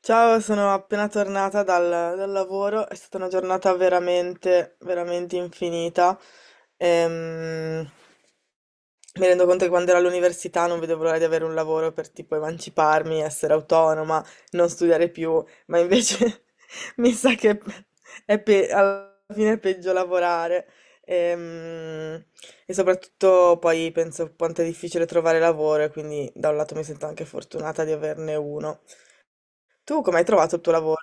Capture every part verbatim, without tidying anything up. Ciao, sono appena tornata dal, dal lavoro, è stata una giornata veramente, veramente infinita. Ehm, Mi rendo conto che quando ero all'università non vedevo l'ora di avere un lavoro per tipo emanciparmi, essere autonoma, non studiare più, ma invece mi sa che è pe- alla fine è peggio lavorare. Ehm, E, soprattutto poi penso quanto è difficile trovare lavoro e quindi da un lato mi sento anche fortunata di averne uno. Tu come hai trovato il tuo lavoro?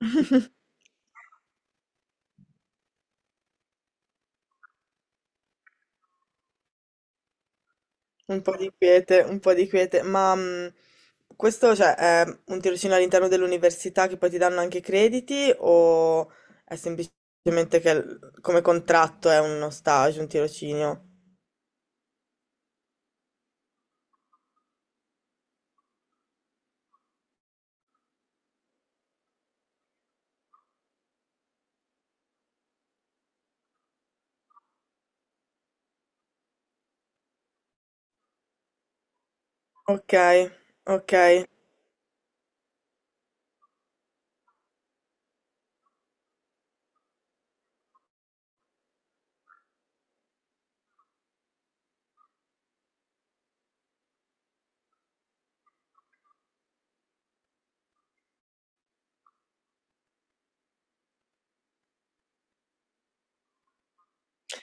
Un po' di quiete, un po' di quiete, ma mh, questo cioè, è un tirocinio all'interno dell'università che poi ti danno anche crediti o è semplicemente che l- come contratto è uno stage, un tirocinio? Ok, ok.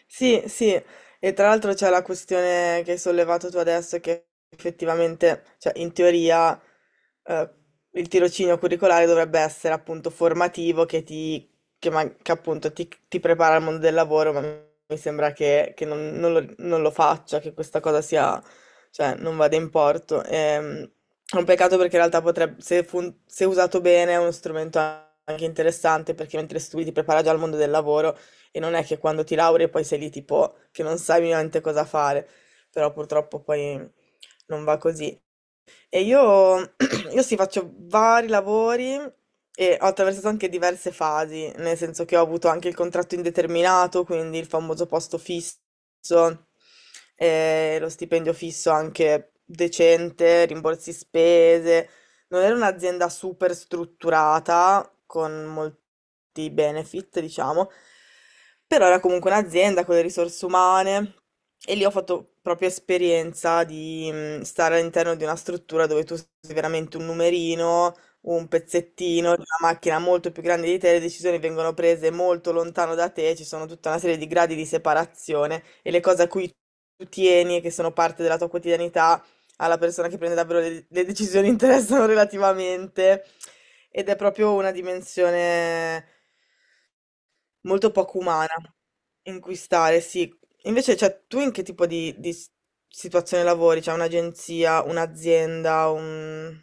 Sì, sì, e tra l'altro c'è la questione che hai sollevato tu adesso, che effettivamente, cioè in teoria, eh, il tirocinio curricolare dovrebbe essere appunto formativo, che ti, che ma- che appunto ti, ti prepara al mondo del lavoro, ma mi sembra che, che non, non lo, non lo faccia, che questa cosa sia, cioè non vada in porto. Ehm, è un peccato perché in realtà potrebbe, se, fun- se usato bene, è uno strumento anche interessante, perché mentre studi ti prepara già al mondo del lavoro e non è che quando ti lauri poi sei lì tipo che non sai minimamente cosa fare, però purtroppo poi non va così. E io, io sì, faccio vari lavori e ho attraversato anche diverse fasi, nel senso che ho avuto anche il contratto indeterminato, quindi il famoso posto fisso, eh, lo stipendio fisso anche decente, rimborsi spese, non era un'azienda super strutturata, con molti benefit, diciamo, però era comunque un'azienda con le risorse umane e lì ho fatto proprio esperienza di mm, stare all'interno di una struttura dove tu sei veramente un numerino, un pezzettino di una macchina molto più grande di te, le decisioni vengono prese molto lontano da te, ci sono tutta una serie di gradi di separazione e le cose a cui tu tieni e che sono parte della tua quotidianità alla persona che prende davvero le, le decisioni interessano relativamente ed è proprio una dimensione molto poco umana in cui stare, sì. Invece, cioè, tu in che tipo di, di s- situazione lavori? Cioè un'agenzia, un'azienda, un...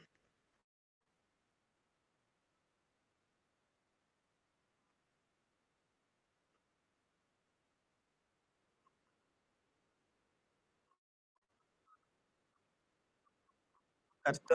Certo,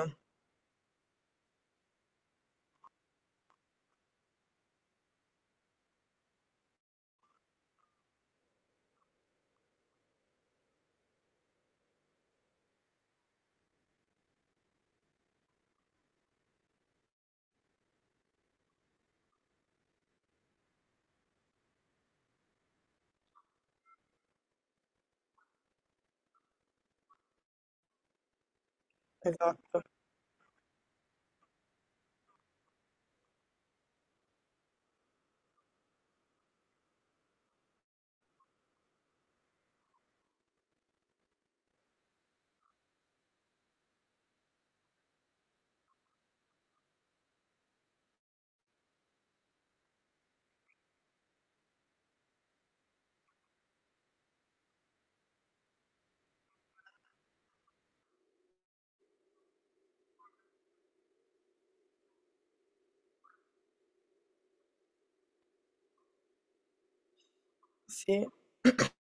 esatto, sì.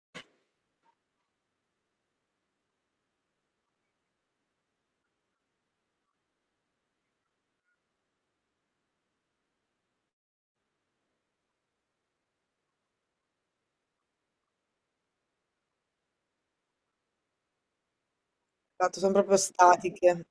Esatto, sono proprio statiche.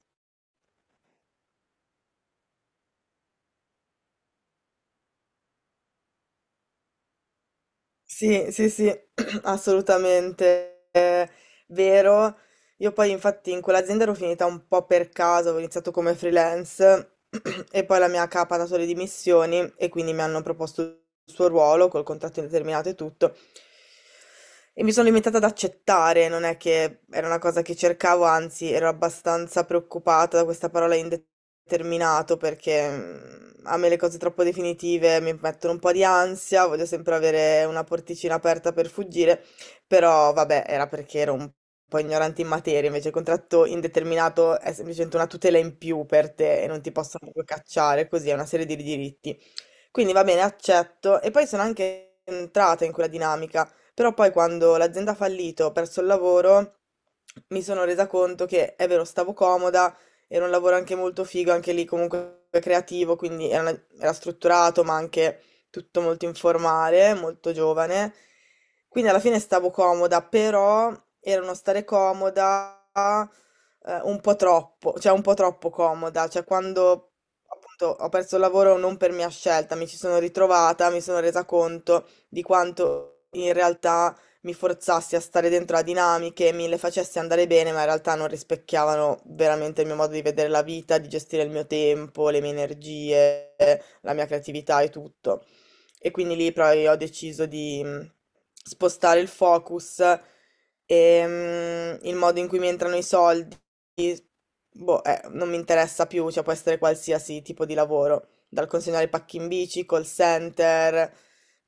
Sì, sì, sì, assolutamente eh, vero. Io poi infatti in quell'azienda ero finita un po' per caso, avevo iniziato come freelance e poi la mia capa ha dato le dimissioni e quindi mi hanno proposto il suo ruolo col contratto indeterminato e tutto. E mi sono limitata ad accettare, non è che era una cosa che cercavo, anzi ero abbastanza preoccupata da questa parola indeterminato perché mm, a me le cose troppo definitive mi mettono un po' di ansia, voglio sempre avere una porticina aperta per fuggire. Però vabbè, era perché ero un po' ignorante in materia, invece il contratto indeterminato è semplicemente una tutela in più per te e non ti possono proprio cacciare, così è una serie di diritti. Quindi va bene, accetto. E poi sono anche entrata in quella dinamica, però poi quando l'azienda ha fallito, ho perso il lavoro, mi sono resa conto che è vero, stavo comoda, era un lavoro anche molto figo, anche lì comunque creativo, quindi era, una- era strutturato, ma anche tutto molto informale, molto giovane. Quindi alla fine stavo comoda, però era uno stare comoda eh, un po' troppo, cioè un po' troppo comoda, cioè quando appunto, ho perso il lavoro non per mia scelta, mi ci sono ritrovata, mi sono resa conto di quanto in realtà mi forzassi a stare dentro a dinamiche, mi le facessi andare bene, ma in realtà non rispecchiavano veramente il mio modo di vedere la vita, di gestire il mio tempo, le mie energie, la mia creatività e tutto. E quindi lì poi ho deciso di mm, spostare il focus e mm, il modo in cui mi entrano i soldi. Boh, eh, non mi interessa più, cioè può essere qualsiasi tipo di lavoro, dal consegnare pacchi in bici, call center,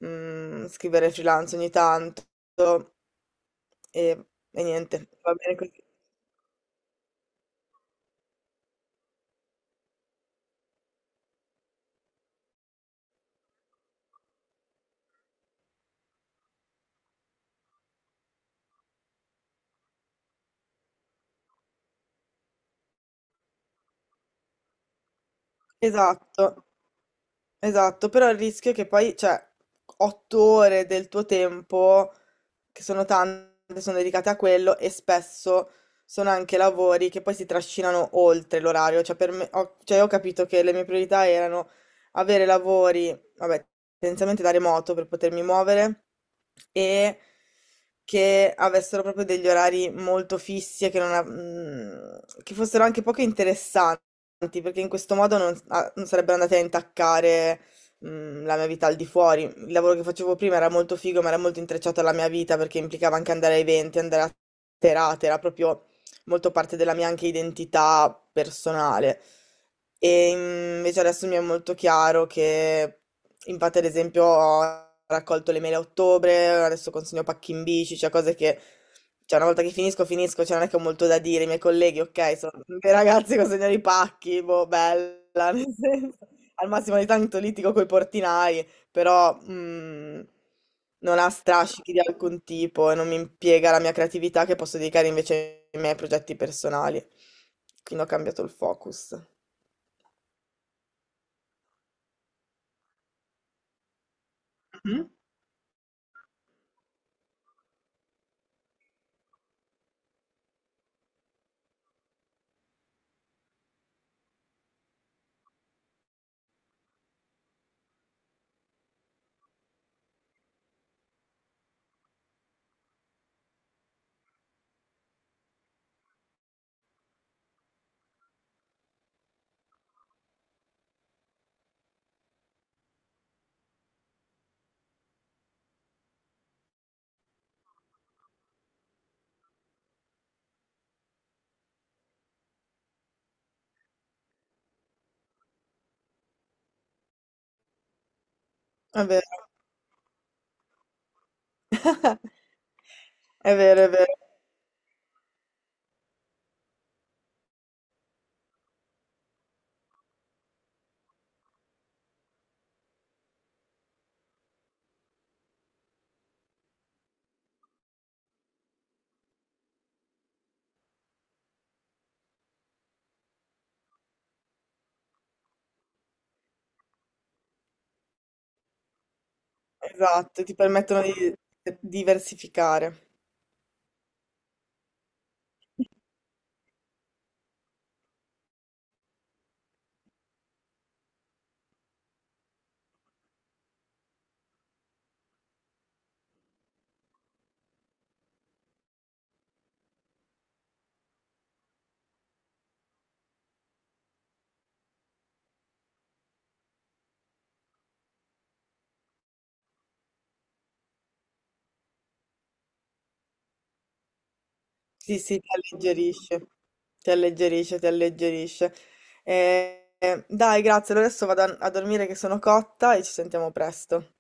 mm, scrivere freelance ogni tanto e, e niente, va bene così. Esatto. Esatto, però il rischio è che poi, cioè, otto ore del tuo tempo, che sono tante, sono dedicate a quello e spesso sono anche lavori che poi si trascinano oltre l'orario. Cioè, per me, ho, cioè, io ho capito che le mie priorità erano avere lavori, vabbè, tendenzialmente da remoto per potermi muovere e che, avessero proprio degli orari molto fissi e che, non, av- mm, che fossero anche poco interessanti importanti, perché in questo modo non, ah, non sarebbero andati a intaccare mm, la mia vita al di fuori. Il lavoro che facevo prima era molto figo, ma era molto intrecciato alla mia vita perché implicava anche andare a eventi, andare a serate, era proprio molto parte della mia anche identità personale. E mm, invece adesso mi è molto chiaro che, infatti, ad esempio, ho raccolto le mele a ottobre, adesso consegno pacchi in bici, cioè cose che, cioè, una volta che finisco, finisco, cioè, non è che ho molto da dire. I miei colleghi, ok, sono dei ragazzi consegnano i pacchi, boh, bella, nel senso, al massimo di tanto litigo coi portinai, però mm, non ha strascichi di alcun tipo e non mi impiega la mia creatività che posso dedicare invece ai miei progetti personali. Quindi ho cambiato il focus. Mhm. È vero, è vero, è vero. Esatto, ti permettono di diversificare. Sì, sì, ti alleggerisce, ti alleggerisce, ti alleggerisce. Eh, eh, dai, grazie. Allora adesso vado a a dormire che sono cotta e ci sentiamo presto.